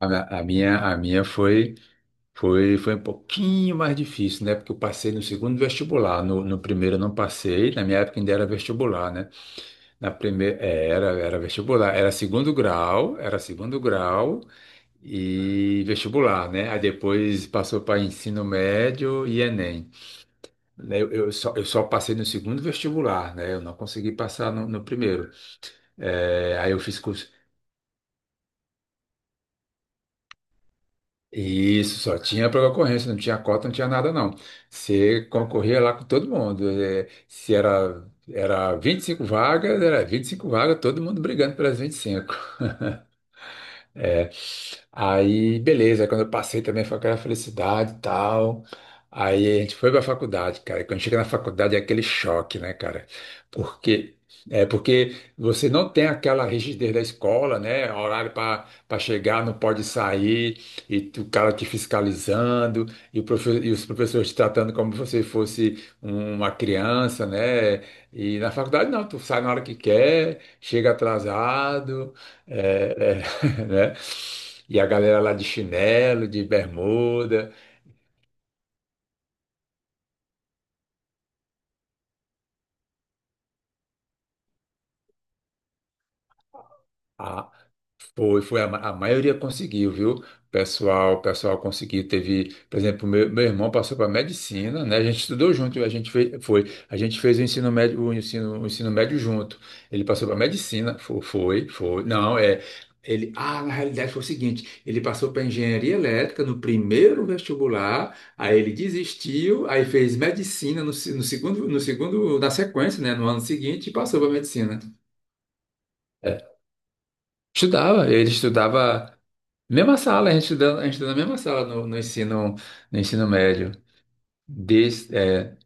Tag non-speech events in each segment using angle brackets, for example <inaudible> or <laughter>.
A minha foi um pouquinho mais difícil, né? Porque eu passei no segundo vestibular. No primeiro eu não passei, na minha época ainda era vestibular, né? Na primeira, era vestibular, era segundo grau, e vestibular, né? Aí depois passou para ensino médio e Enem. Né, eu só passei no segundo vestibular, né? Eu não consegui passar no primeiro. É, aí eu fiz curso. Isso, só tinha para concorrência, não tinha cota, não tinha nada, não. Você concorria lá com todo mundo. Se era, 25 vagas, todo mundo brigando pelas 25. É. Aí, beleza. Aí quando eu passei também foi aquela felicidade e tal. Aí a gente foi pra faculdade, cara. E quando chega na faculdade é aquele choque, né, cara? Porque porque você não tem aquela rigidez da escola, né? Horário para chegar, não pode sair, o cara te fiscalizando, e os professores te tratando como se você fosse uma criança, né? E na faculdade não, tu sai na hora que quer, chega atrasado. é, é <laughs> né? E a galera lá de chinelo, de bermuda. A, Foi, foi, a maioria conseguiu, viu? O pessoal conseguiu, teve, por exemplo, meu irmão passou para medicina, né? A gente estudou junto, a gente fez, foi, a gente fez o ensino médio, o ensino médio junto. Ele passou para medicina, foi. Não, é, ele, ah, na realidade foi o seguinte, ele passou para engenharia elétrica no primeiro vestibular, aí ele desistiu, aí fez medicina no segundo, na sequência, né? No ano seguinte, e passou para medicina. É. Estudava, ele estudava. Mesma sala, a gente estudou na mesma sala no ensino médio. Desde, é,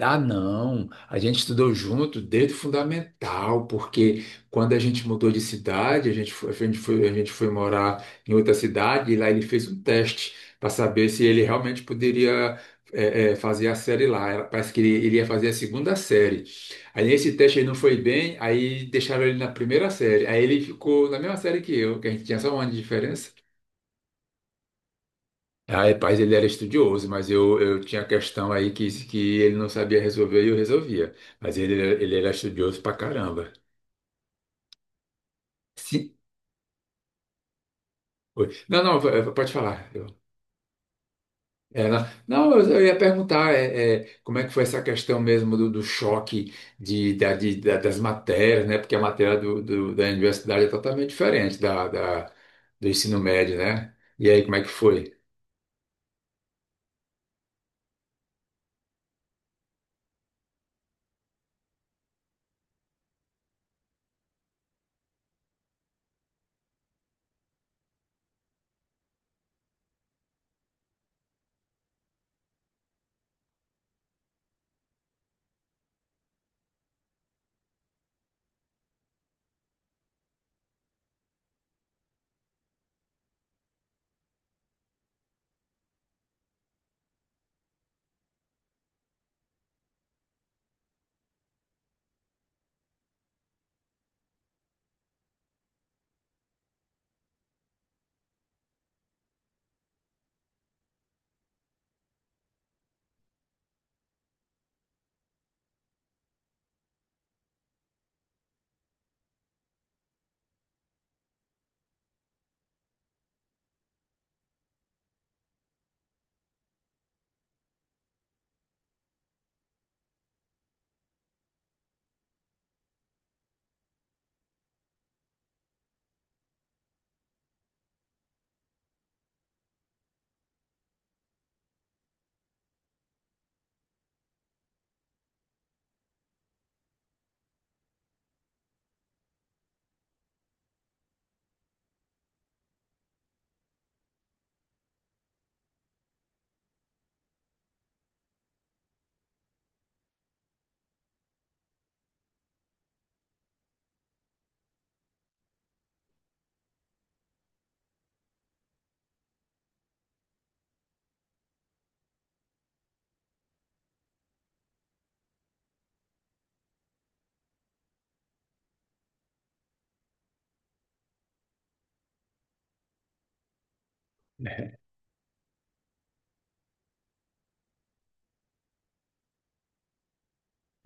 ah, não, A gente estudou junto desde o fundamental, porque quando a gente mudou de cidade, a gente foi morar em outra cidade e lá ele fez um teste para saber se ele realmente poderia fazer a série lá. Parece que ele ia fazer a segunda série. Aí nesse teste ele não foi bem, aí deixaram ele na primeira série. Aí ele ficou na mesma série que eu, que a gente tinha só um ano de diferença. Ah, rapaz, ele era estudioso, mas eu tinha questão aí que ele não sabia resolver e eu resolvia. Mas ele era estudioso pra caramba. Sim. Oi. Não, não, pode falar. Eu- é, não, não, Eu ia perguntar como é que foi essa questão mesmo do choque das matérias, né? Porque a matéria da universidade é totalmente diferente do ensino médio, né? E aí, como é que foi?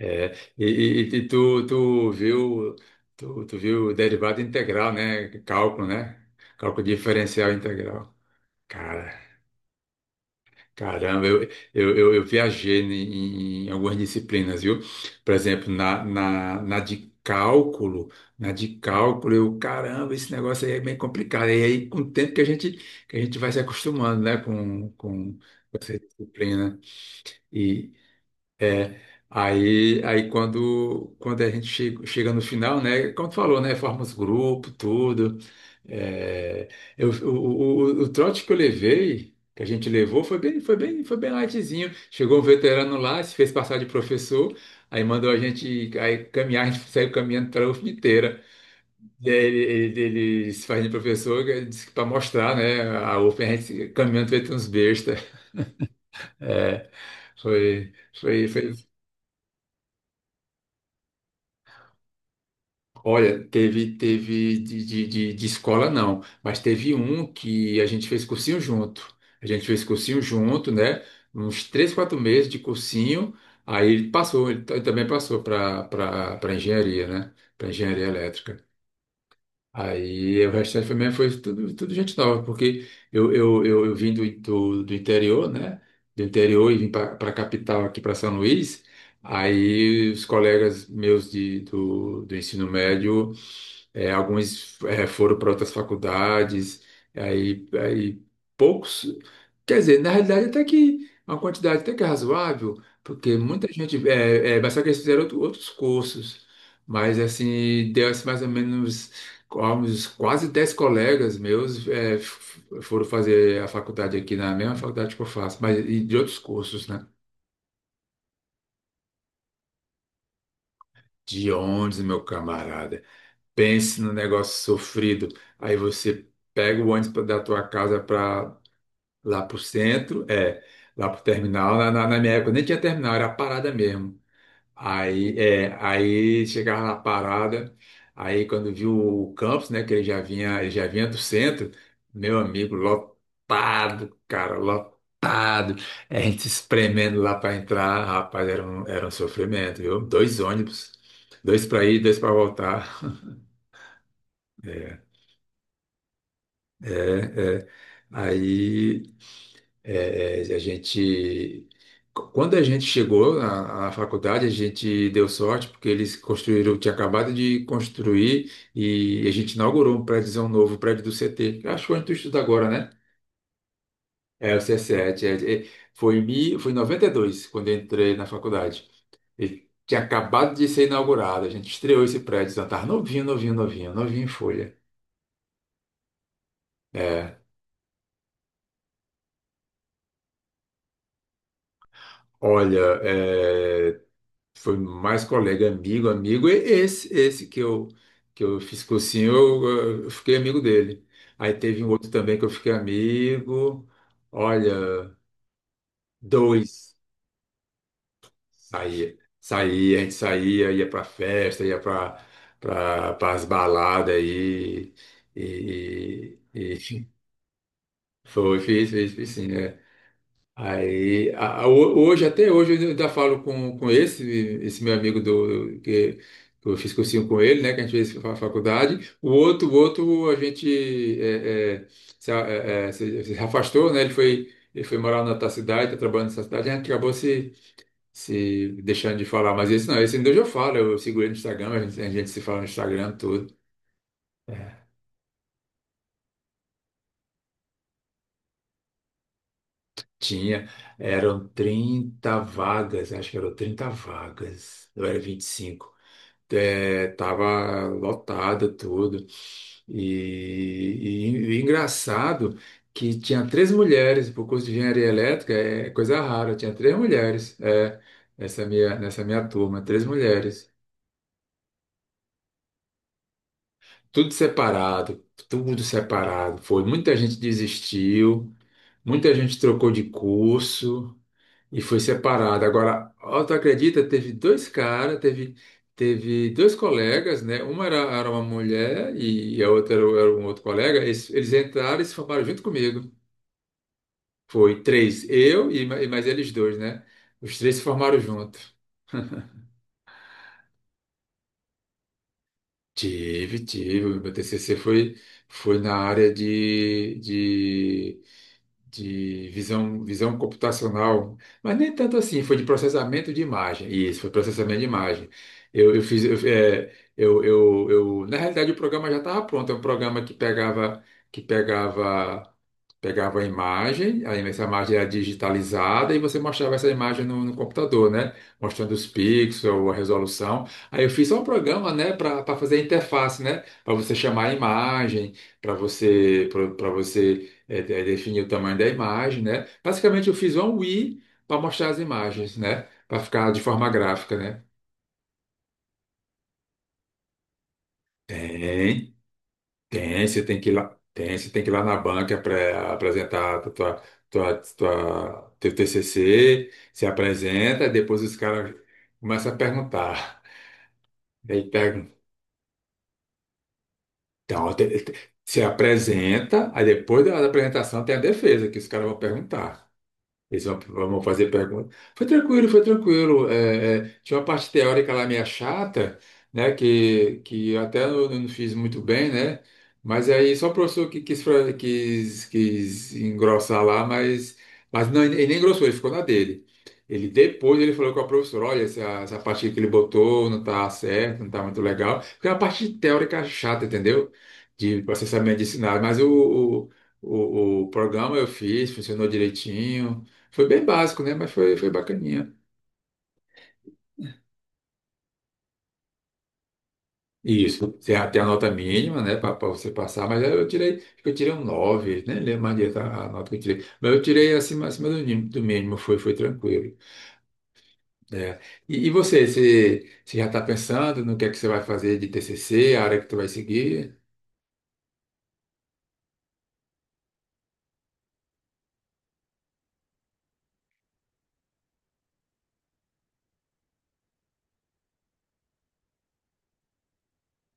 É, e tu, tu viu derivada integral, né? Cálculo, né? Cálculo diferencial integral. Cara, caramba, eu viajei em algumas disciplinas, viu? Por exemplo, na de cálculo, eu, caramba, esse negócio aí é bem complicado. E aí, com o tempo que a gente vai se acostumando, né? Com essa disciplina. E Aí, quando a gente chega no final, né? Como tu falou, né? Forma os grupo, tudo. É, eu, o trote que eu levei, que a gente levou, foi bem lightzinho. Chegou um veterano lá, se fez passar de professor, aí mandou a gente aí, caminhar, a gente saiu caminhando para a UFM inteira. E aí ele se faz de professor, ele disse que para mostrar, né? A UFM, a gente caminhando feito uns besta. É, foi, foi. Olha, teve, de escola não, mas teve um que a gente fez cursinho junto. A gente fez cursinho junto, né? Uns 3, 4 meses de cursinho. Aí ele passou, ele também passou para engenharia, né? Para engenharia elétrica. Aí o restante foi mesmo, foi tudo, tudo gente nova, porque eu vim do interior, né? Do interior e vim para a capital aqui para São Luís. Aí os colegas meus do ensino médio é, alguns é, foram para outras faculdades, aí poucos. Quer dizer, na realidade, até que uma quantidade até que é razoável, porque muita gente. É, é, mas só que eles fizeram outros cursos, mas assim, deu assim, mais ou menos uns quase 10 colegas meus é, foram fazer a faculdade aqui, na mesma faculdade que eu faço, mas e de outros cursos, né? De onde, meu camarada? Pense no negócio sofrido. Aí você pega o ônibus da tua casa para lá pro centro, é, lá pro terminal. Na minha época nem tinha terminal, era a parada mesmo. Aí, é, aí chegava na parada, aí quando viu o campus, né, que ele já vinha do centro, meu amigo, lotado, cara, lotado. É, a gente se espremendo lá para entrar, rapaz, era um sofrimento, viu? Dois ônibus, dois para ir, dois para voltar. É. É, é. Aí é, é, a gente, quando a gente chegou na faculdade, a gente deu sorte porque eles construíram, tinha acabado de construir e a gente inaugurou o prédio do CT. Eu acho que onde tu estuda agora, né? É, o c 7. É, é, foi, foi em 92, quando eu entrei na faculdade. Ele tinha acabado de ser inaugurado, a gente estreou esse prédio, então tava novinho, novinho em folha. É, olha, é, foi mais colega, amigo, amigo. Esse que eu fiz cursinho, eu, fiquei amigo dele. Aí teve um outro também que eu fiquei amigo. Olha, dois saía, a gente saía, ia para festa, ia para as baladas aí e <laughs> Fiz sim, né? Aí, hoje, até hoje, eu ainda falo com esse, esse meu amigo que eu fiz cursinho com ele, né? Que a gente fez faculdade. O outro, a gente é, é, se, a- é, é, se- se afastou, né? Ele foi morar na outra cidade, tá trabalhando nessa cidade, a gente acabou se deixando de falar. Mas esse não, esse ainda hoje eu falo, eu sigo ele no Instagram, a gente se fala no Instagram, tudo. Tinha, eram 30 vagas, acho que eram 30 vagas, eu era 25. É, tava lotada tudo. E engraçado que tinha três mulheres para o curso de engenharia elétrica, é coisa rara, tinha três mulheres, é, nessa minha turma, três mulheres. Tudo separado, tudo separado. Foi, muita gente desistiu, muita gente trocou de curso. E foi separada. Agora, ó, tu acredita? Teve dois caras, teve dois colegas, né? Uma era, era uma mulher e a outra era, era um outro colega. Eles entraram e se formaram junto comigo. Foi três, eu e, e mais eles dois, né? Os três se formaram junto. Tive, tive. O meu TCC foi, foi na área de, visão computacional, mas nem tanto assim, foi de processamento de imagem. Isso, foi processamento de imagem. Eu fiz, eu, é, eu- Na realidade o programa já estava pronto, é um programa que pegava, que pegava, pegava a imagem, aí essa imagem era digitalizada e você mostrava essa imagem no computador, né? Mostrando os pixels, a resolução. Aí eu fiz só um programa, né, para fazer a interface, né? Para você chamar a imagem, para você, para você definir o tamanho da imagem, né? Basicamente, eu fiz um Wii para mostrar as imagens, né? Para ficar de forma gráfica, né? Tem, você tem que ir lá, tem, você tem que ir lá na banca para apresentar a tua, teu TCC, se apresenta, depois os caras começam a perguntar. Aí pega, então, se apresenta, aí depois da apresentação tem a defesa, que os caras vão perguntar. Eles vão, vão fazer perguntas. Foi tranquilo, foi tranquilo. É, é, tinha uma parte teórica lá meio chata, né? Que eu até eu não fiz muito bem, né? Mas aí só o professor que quis, quis engrossar lá, mas não, ele nem engrossou, ele ficou na dele. Ele falou com a professora, olha, essa parte que ele botou não tá certo, não tá muito legal. Porque é uma parte teórica chata, entendeu? De processamento de sinais. Mas o, o, o o programa eu fiz, funcionou direitinho. Foi bem básico, né? Mas foi, foi bacaninha. Isso. Tem a nota mínima, né? Para você passar, mas aí eu tirei, acho que eu tirei um nove, nem lembro mais direito a nota que eu tirei. Mas eu tirei acima, acima do, do mínimo, foi, foi tranquilo. Né? Você já está pensando no que é que você vai fazer de TCC, a área que tu vai seguir?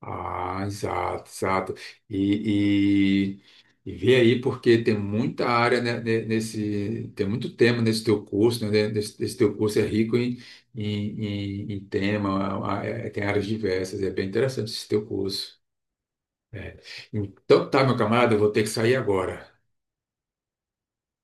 Ah, exato, exato. E, e vê aí, porque tem muita área, né, tem muito tema nesse teu curso, né? Nesse teu curso é rico em, em tema, ah, tem áreas diversas, é bem interessante esse teu curso. É. Então tá, meu camarada, eu vou ter que sair agora.